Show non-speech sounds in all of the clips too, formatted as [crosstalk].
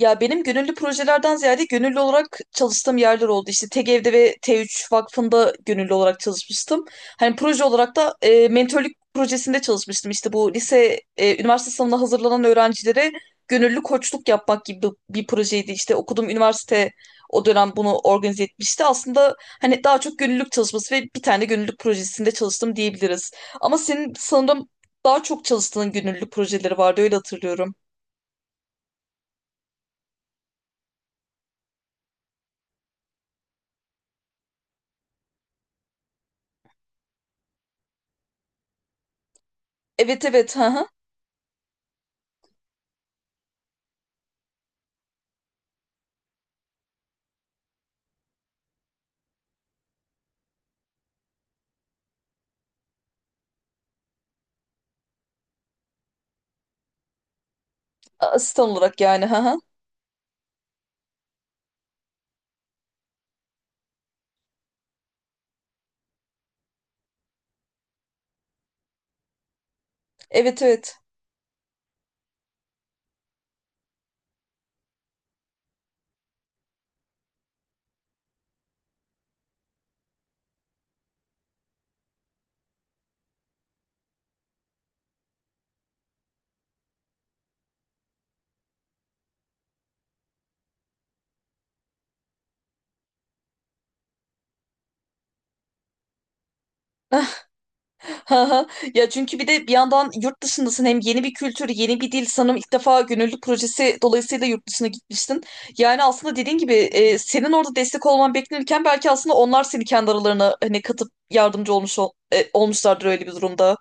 Ya benim gönüllü projelerden ziyade gönüllü olarak çalıştığım yerler oldu. İşte TGV'de ve T3 Vakfı'nda gönüllü olarak çalışmıştım. Hani proje olarak da mentörlük projesinde çalışmıştım. İşte bu lise, üniversite sınavına hazırlanan öğrencilere gönüllü koçluk yapmak gibi bir projeydi. İşte okuduğum üniversite o dönem bunu organize etmişti. Aslında hani daha çok gönüllülük çalışması ve bir tane gönüllülük projesinde çalıştım diyebiliriz. Ama senin sanırım daha çok çalıştığın gönüllülük projeleri vardı, öyle hatırlıyorum. Evet evet. [laughs] Asistan olarak yani. Ha ha. Evet evet. Ha ha. Ya çünkü bir de bir yandan yurt dışındasın, hem yeni bir kültür, yeni bir dil. Sanırım ilk defa gönüllü projesi dolayısıyla yurt dışına gitmiştin. Yani aslında dediğin gibi senin orada destek olman beklenirken belki aslında onlar seni kendi aralarına hani katıp yardımcı olmuşlardır öyle bir durumda.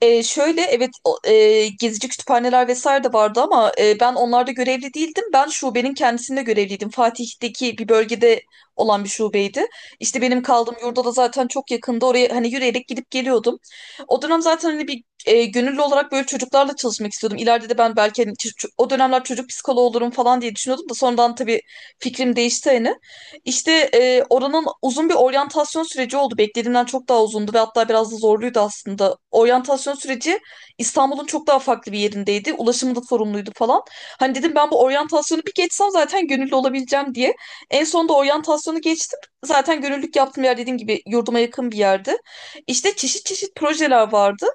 Şöyle, evet, gezici kütüphaneler vesaire de vardı ama ben onlarda görevli değildim. Ben şubenin kendisinde görevliydim. Fatih'teki bir bölgede olan bir şubeydi. İşte benim kaldığım yurda da zaten çok yakında, oraya hani yürüyerek gidip geliyordum. O dönem zaten hani bir gönüllü olarak böyle çocuklarla çalışmak istiyordum. İleride de ben belki hani o dönemler çocuk psikoloğu olurum falan diye düşünüyordum da sonradan tabii fikrim değişti hani. İşte oranın uzun bir oryantasyon süreci oldu. Beklediğimden çok daha uzundu ve hatta biraz da zorluydu aslında. Oryantasyon süreci İstanbul'un çok daha farklı bir yerindeydi. Ulaşımı da sorumluydu falan. Hani dedim, ben bu oryantasyonu bir geçsem zaten gönüllü olabileceğim diye. En sonunda oryantasyonu geçtim. Zaten gönüllülük yaptığım yer, dediğim gibi, yurduma yakın bir yerde. İşte çeşit çeşit projeler vardı.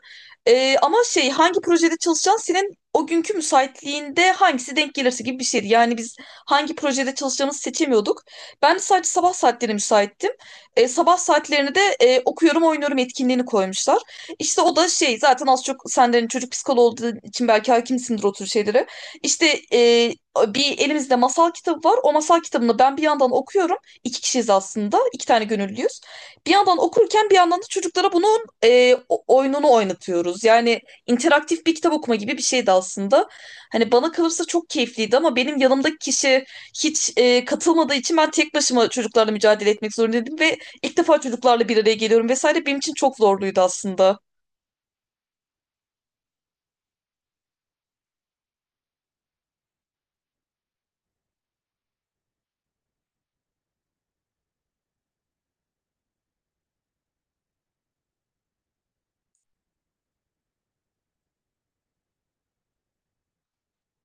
Ama şey, hangi projede çalışacaksın, senin o günkü müsaitliğinde hangisi denk gelirse gibi bir şeydi. Yani biz hangi projede çalışacağımızı seçemiyorduk. Ben de sadece sabah saatlerine müsaittim. Sabah saatlerine de okuyorum oynuyorum etkinliğini koymuşlar. İşte o da şey, zaten az çok senden çocuk psikoloğu olduğu için belki hakimsindir o tür şeylere. İşte bir elimizde masal kitabı var. O masal kitabını ben bir yandan okuyorum. İki kişiyiz aslında. İki tane gönüllüyüz. Bir yandan okurken bir yandan da çocuklara bunu oyununu oynatıyoruz. Yani interaktif bir kitap okuma gibi bir şeydi aslında. Hani bana kalırsa çok keyifliydi ama benim yanımdaki kişi hiç katılmadığı için ben tek başıma çocuklarla mücadele etmek zorundaydım ve ilk defa çocuklarla bir araya geliyorum vesaire, benim için çok zorluydu aslında.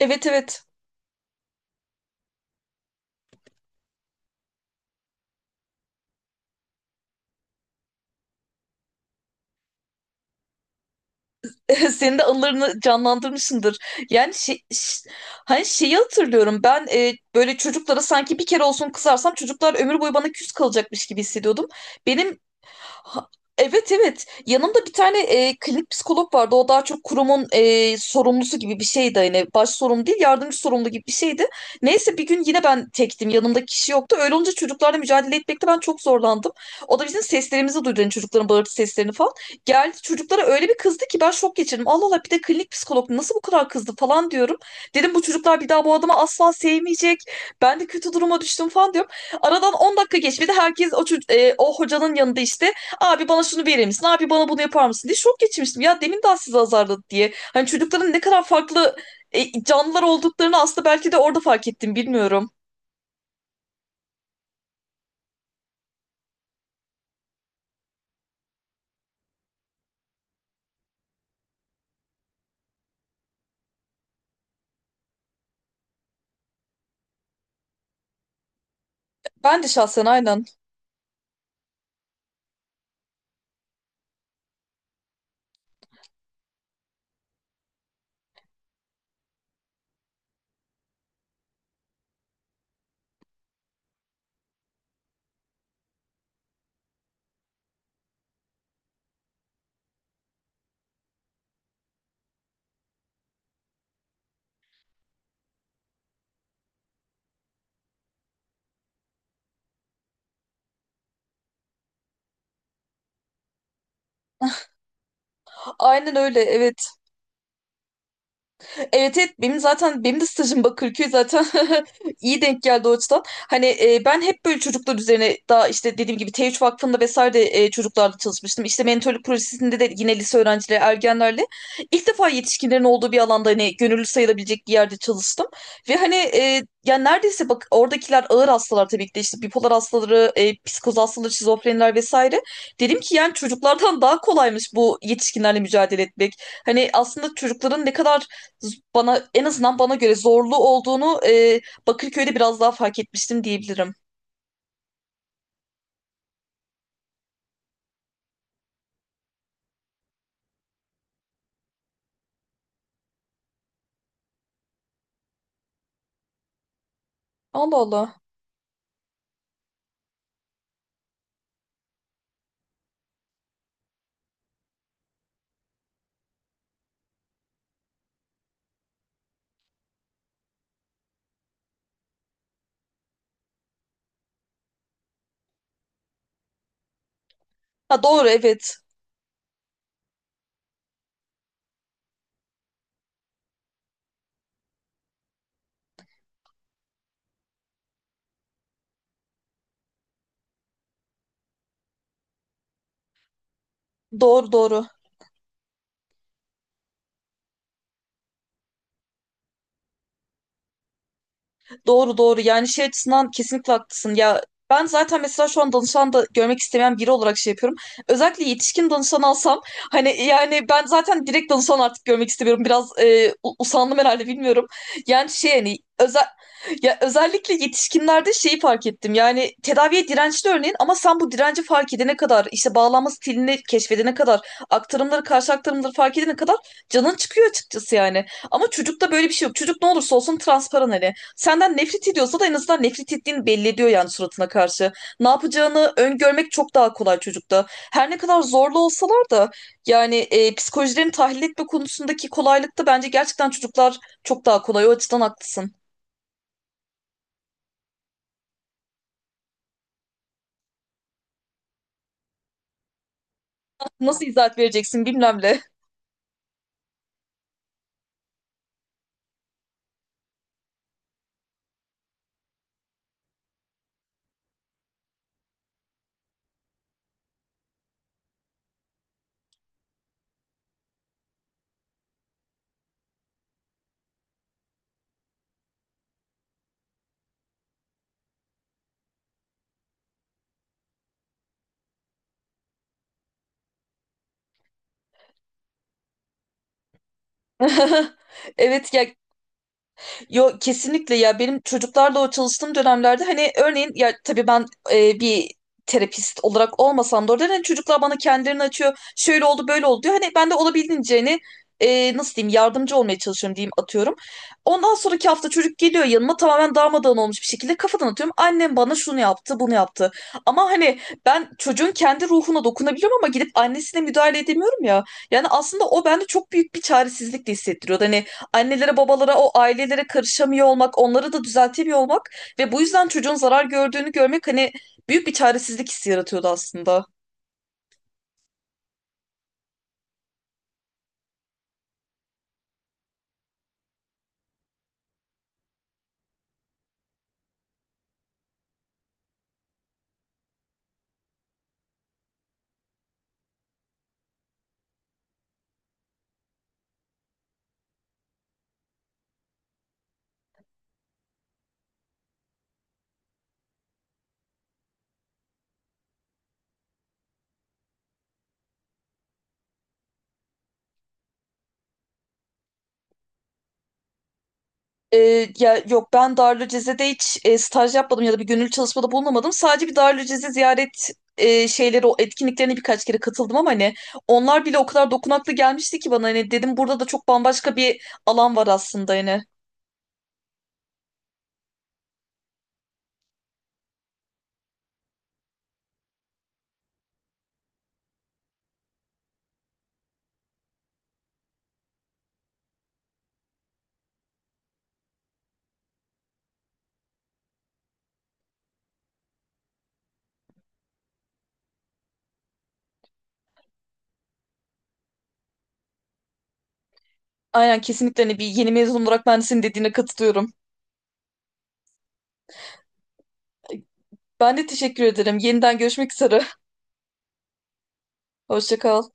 Evet evet. [laughs] Senin de anılarını canlandırmışsındır. Yani şey, hani şeyi hatırlıyorum ben, böyle çocuklara sanki bir kere olsun kızarsam çocuklar ömür boyu bana küs kalacakmış gibi hissediyordum. Benim Ha- Evet evet, yanımda bir tane klinik psikolog vardı, o daha çok kurumun sorumlusu gibi bir şeydi, hani baş sorumlu değil, yardımcı sorumlu gibi bir şeydi. Neyse, bir gün yine ben tektim, yanımda kişi yoktu, öyle olunca çocuklarla mücadele etmekte ben çok zorlandım. O da bizim seslerimizi duydu, hani çocukların bağırtı seslerini falan. Geldi çocuklara öyle bir kızdı ki ben şok geçirdim. Allah Allah, bir de klinik psikolog nasıl bu kadar kızdı falan diyorum. Dedim, bu çocuklar bir daha bu adamı asla sevmeyecek, ben de kötü duruma düştüm falan diyorum. Aradan 10 dakika geçmedi, herkes o hocanın yanında, işte, Abi bana şunu verir misin? Abi bana bunu yapar mısın? Diye şok geçirmiştim. Ya, demin daha sizi azarladı diye. Hani çocukların ne kadar farklı canlılar olduklarını aslında belki de orada fark ettim, bilmiyorum. Ben de şahsen aynen. Aynen öyle, evet. Evet evet, benim zaten, benim de stajım Bakırköy zaten. [laughs] iyi denk geldi o açıdan. Hani ben hep böyle çocuklar üzerine, daha işte dediğim gibi T3 Vakfı'nda vesaire de çocuklarla çalışmıştım. İşte mentorluk projesinde de yine lise öğrencileri, ergenlerle, ilk defa yetişkinlerin olduğu bir alanda, hani gönüllü sayılabilecek bir yerde çalıştım. Ve hani yani neredeyse, bak, oradakiler ağır hastalar tabii ki de, işte bipolar hastaları, psikoz hastaları, şizofreniler vesaire. Dedim ki yani çocuklardan daha kolaymış bu yetişkinlerle mücadele etmek. Hani aslında çocukların ne kadar bana, en azından bana göre, zorlu olduğunu Bakırköy'de biraz daha fark etmiştim diyebilirim. Allah Allah. Ha, doğru, evet. Doğru doğru. Doğru doğru, yani şey açısından kesinlikle haklısın ya, ben zaten mesela şu an danışan da görmek istemeyen biri olarak şey yapıyorum. Özellikle yetişkin danışan alsam, hani yani ben zaten direkt danışan artık görmek istemiyorum. Biraz usandım herhalde, bilmiyorum. Yani şey hani ya özellikle yetişkinlerde şeyi fark ettim. Yani tedaviye dirençli örneğin, ama sen bu direnci fark edene kadar, işte bağlanma stilini keşfedene kadar, aktarımları karşı aktarımları fark edene kadar canın çıkıyor açıkçası, yani. Ama çocukta böyle bir şey yok. Çocuk ne olursa olsun transparan, hani. Senden nefret ediyorsa da en azından nefret ettiğini belli ediyor, yani suratına karşı. Ne yapacağını öngörmek çok daha kolay çocukta. Her ne kadar zorlu olsalar da yani, psikolojilerini tahlil etme konusundaki kolaylıkta bence gerçekten çocuklar çok daha kolay. O açıdan haklısın. Nasıl izahat vereceksin, bilmem ne. [laughs] Evet ya. Yo, kesinlikle ya, benim çocuklarla o çalıştığım dönemlerde, hani örneğin, ya tabii ben bir terapist olarak olmasam da orada hani çocuklar bana kendilerini açıyor. Şöyle oldu, böyle oldu diyor. Hani ben de olabildiğince hani nasıl diyeyim, yardımcı olmaya çalışıyorum diyeyim, atıyorum. Ondan sonraki hafta çocuk geliyor yanıma tamamen darmadağın olmuş bir şekilde, kafadan atıyorum, annem bana şunu yaptı, bunu yaptı. Ama hani ben çocuğun kendi ruhuna dokunabiliyorum ama gidip annesine müdahale edemiyorum ya. Yani aslında o bende çok büyük bir çaresizlik de hissettiriyordu. Hani annelere babalara, o ailelere karışamıyor olmak, onları da düzeltemiyor olmak ve bu yüzden çocuğun zarar gördüğünü görmek hani büyük bir çaresizlik hissi yaratıyordu aslında. Ya yok, ben Darülceze'de hiç staj yapmadım ya da bir gönüllü çalışmada bulunamadım. Sadece bir Darülceze ziyaret şeyleri, o etkinliklerine birkaç kere katıldım ama hani onlar bile o kadar dokunaklı gelmişti ki bana, hani dedim burada da çok bambaşka bir alan var aslında, hani. Aynen, kesinlikle, hani bir yeni mezun olarak ben de senin dediğine katılıyorum. Ben de teşekkür ederim. Yeniden görüşmek üzere. [laughs] Hoşça kal.